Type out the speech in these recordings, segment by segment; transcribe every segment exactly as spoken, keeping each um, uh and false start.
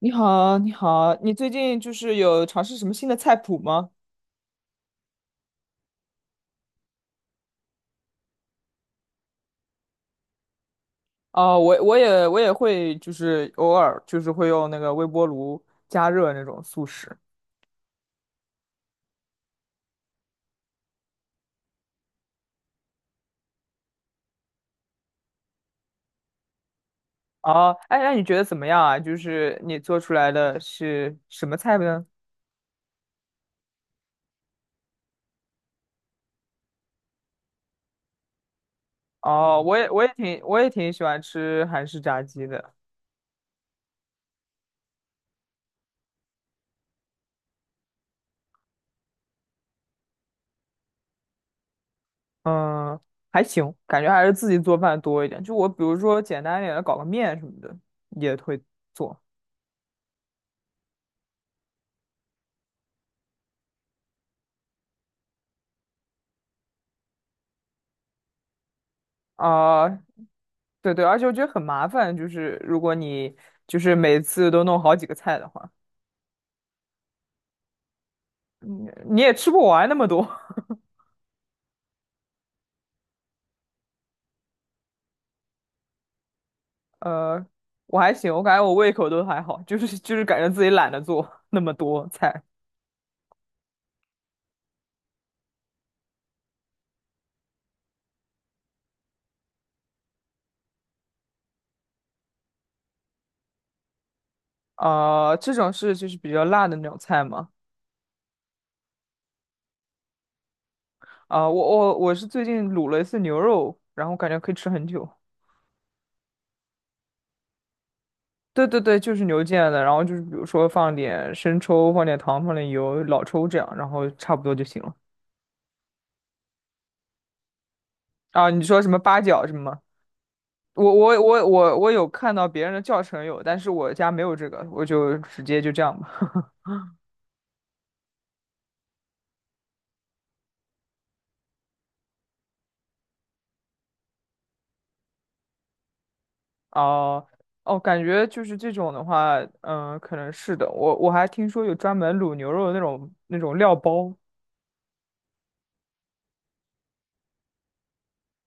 你好，你好，你最近就是有尝试什么新的菜谱吗？哦，我我也我也会，就是偶尔就是会用那个微波炉加热那种速食。哦，哎，那你觉得怎么样啊？就是你做出来的是什么菜呢？哦，我也我也挺我也挺喜欢吃韩式炸鸡的。嗯，还行，感觉还是自己做饭多一点。就我比如说简单一点的搞个面什么的也会做。啊、对对，而且我觉得很麻烦，就是如果你就是每次都弄好几个菜的话，你你也吃不完那么多。呃，我还行，我感觉我胃口都还好，就是就是感觉自己懒得做那么多菜。呃，这种是就是比较辣的那种菜嘛。啊、我我我是最近卤了一次牛肉，然后感觉可以吃很久。对对对，就是牛腱的，然后就是比如说放点生抽，放点糖，放点油，老抽这样，然后差不多就行了。啊，你说什么八角什么吗？我我我我我有看到别人的教程有，但是我家没有这个，我就直接就这样吧。哦哦，感觉就是这种的话，嗯，可能是的。我我还听说有专门卤牛肉的那种那种料包。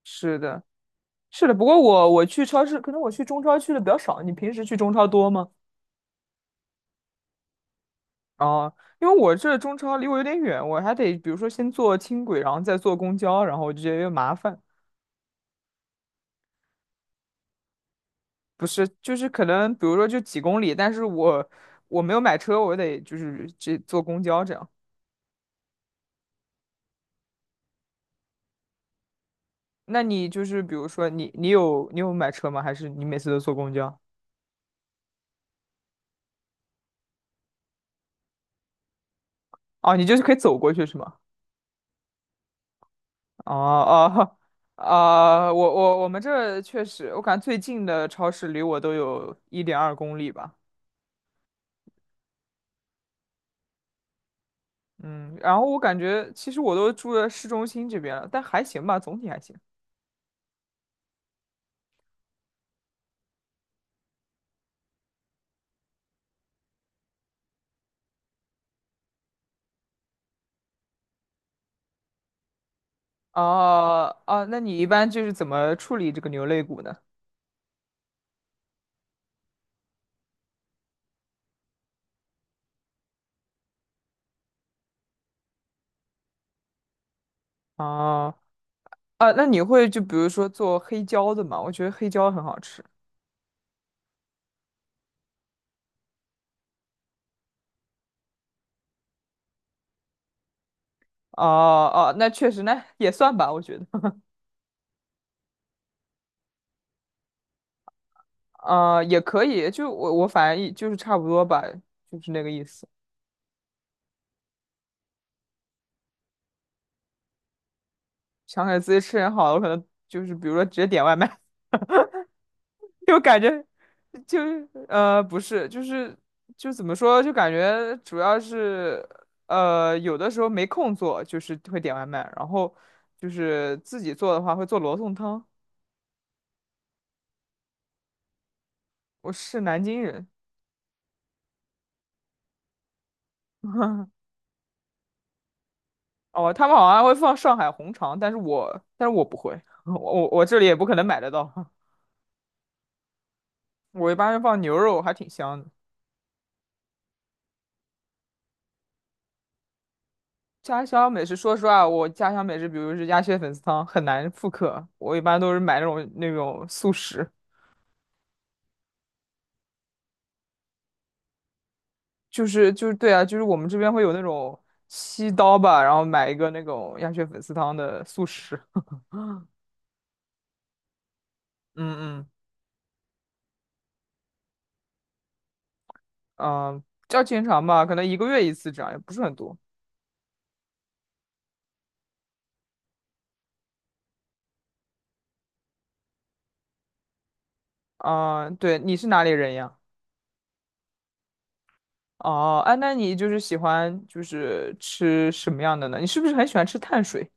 是的，是的。不过我我去超市，可能我去中超去的比较少。你平时去中超多吗？哦，因为我这中超离我有点远，我还得比如说先坐轻轨，然后再坐公交，然后我就觉得有点麻烦。不是，就是可能比如说就几公里，但是我我没有买车，我得就是这坐公交这样。那你就是比如说你你有你有买车吗？还是你每次都坐公交？哦，你就是可以走过去是吗？哦哦啊，我我我们这儿确实，我感觉最近的超市离我都有一点二公里吧。嗯，然后我感觉其实我都住在市中心这边了，但还行吧，总体还行。哦哦，那你一般就是怎么处理这个牛肋骨呢？哦啊，那你会就比如说做黑椒的吗？我觉得黑椒很好吃。哦哦，那确实，那也算吧，我觉得，啊，也可以。就我我反正一就是差不多吧，就是那个意思。想给自己吃点好的，我可能就是比如说直接点外卖。就感觉就是呃不是，就是就怎么说，就感觉主要是呃有的时候没空做，就是会点外卖，然后就是自己做的话会做罗宋汤。我是南京人。哦，他们好像会放上海红肠，但是我但是我不会，我我我这里也不可能买得到。我一般是放牛肉，还挺香的。家乡美食，说实话，我家乡美食，比如是鸭血粉丝汤，很难复刻。我一般都是买那种那种速食，就是就是对啊，就是我们这边会有那种七刀吧，然后买一个那种鸭血粉丝汤的速食。嗯嗯嗯，叫经常吧，可能一个月一次这样，也不是很多。嗯，对，你是哪里人呀？哦，哎，那你就是喜欢就是吃什么样的呢？你是不是很喜欢吃碳水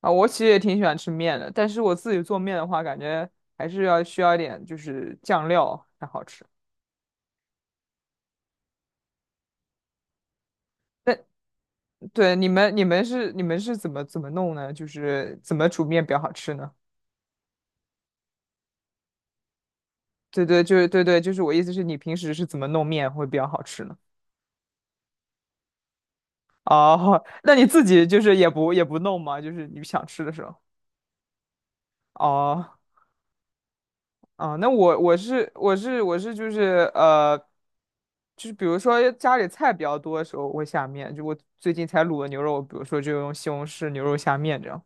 啊？我其实也挺喜欢吃面的，但是我自己做面的话，感觉还是要需要一点就是酱料才好吃。那对你们你们是你们是怎么怎么弄呢？就是怎么煮面比较好吃呢？对对，就是对对，就是我意思是你平时是怎么弄面会比较好吃呢？哦，那你自己就是也不也不弄吗？就是你想吃的时候。哦啊，那我我是我是我是就是呃，就是比如说家里菜比较多的时候，我会下面。就我最近才卤的牛肉，比如说就用西红柿牛肉下面这样。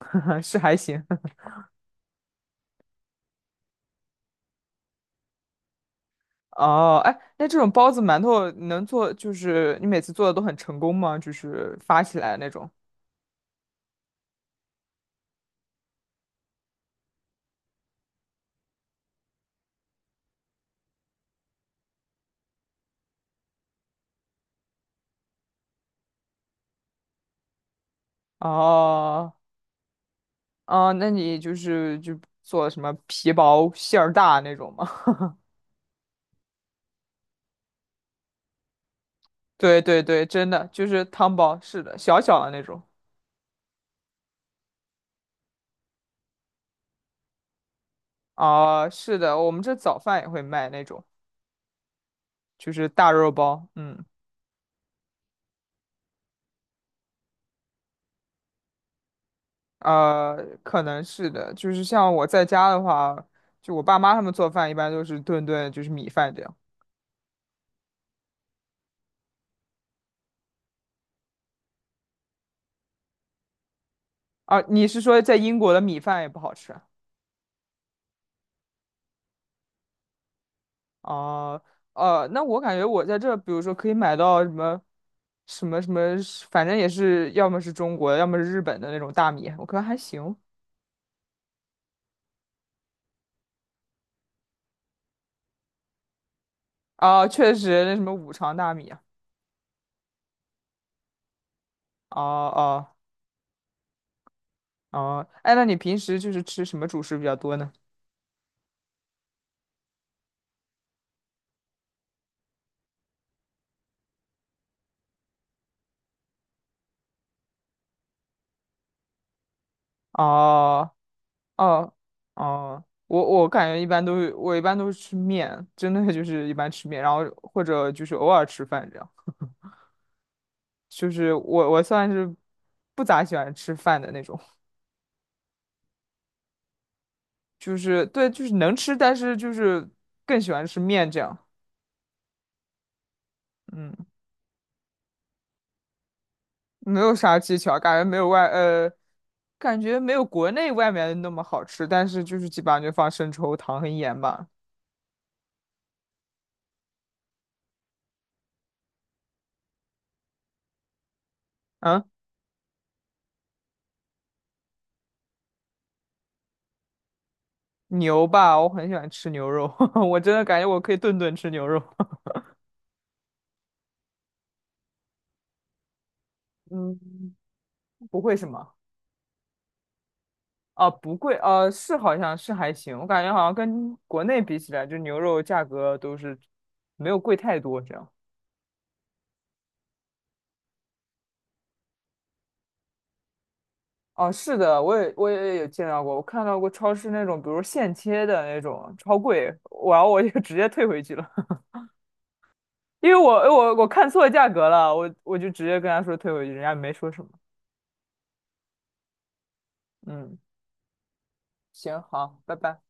是还行。哦，哎，那这种包子、馒头能做，就是你每次做的都很成功吗？就是发起来那种。哦，哦，那你就是就做什么皮薄馅儿大那种吗？对对对，真的就是汤包，是的，小小的那种。啊，是的，我们这早饭也会卖那种，就是大肉包。嗯，呃，可能是的，就是像我在家的话，就我爸妈他们做饭一般都是顿顿就是米饭这样。啊，你是说在英国的米饭也不好吃啊？哦，呃，那我感觉我在这，比如说可以买到什么什么什么，反正也是要么是中国的，要么是日本的那种大米，我觉得还行。啊，确实那什么五常大米啊，哦哦、啊哦，哎，那你平时就是吃什么主食比较多呢？哦哦哦，我我感觉一般都是我一般都是吃面，真的就是一般吃面，然后或者就是偶尔吃饭这样。就是我我算是不咋喜欢吃饭的那种，就是对，就是能吃，但是就是更喜欢吃面这样。嗯，没有啥技巧，感觉没有外呃，感觉没有国内外面那么好吃，但是就是基本上就放生抽、糖和盐吧。嗯牛吧，我很喜欢吃牛肉。我真的感觉我可以顿顿吃牛肉。嗯，不会什么？啊，不贵，呃，是好像是还行，我感觉好像跟国内比起来，就牛肉价格都是没有贵太多这样。哦，是的，我也我也有见到过，我看到过超市那种，比如现切的那种，超贵，然后我就 直接退回去了，因为我我我看错价格了，我我就直接跟他说退回去，人家没说什么。嗯，行，好，拜拜。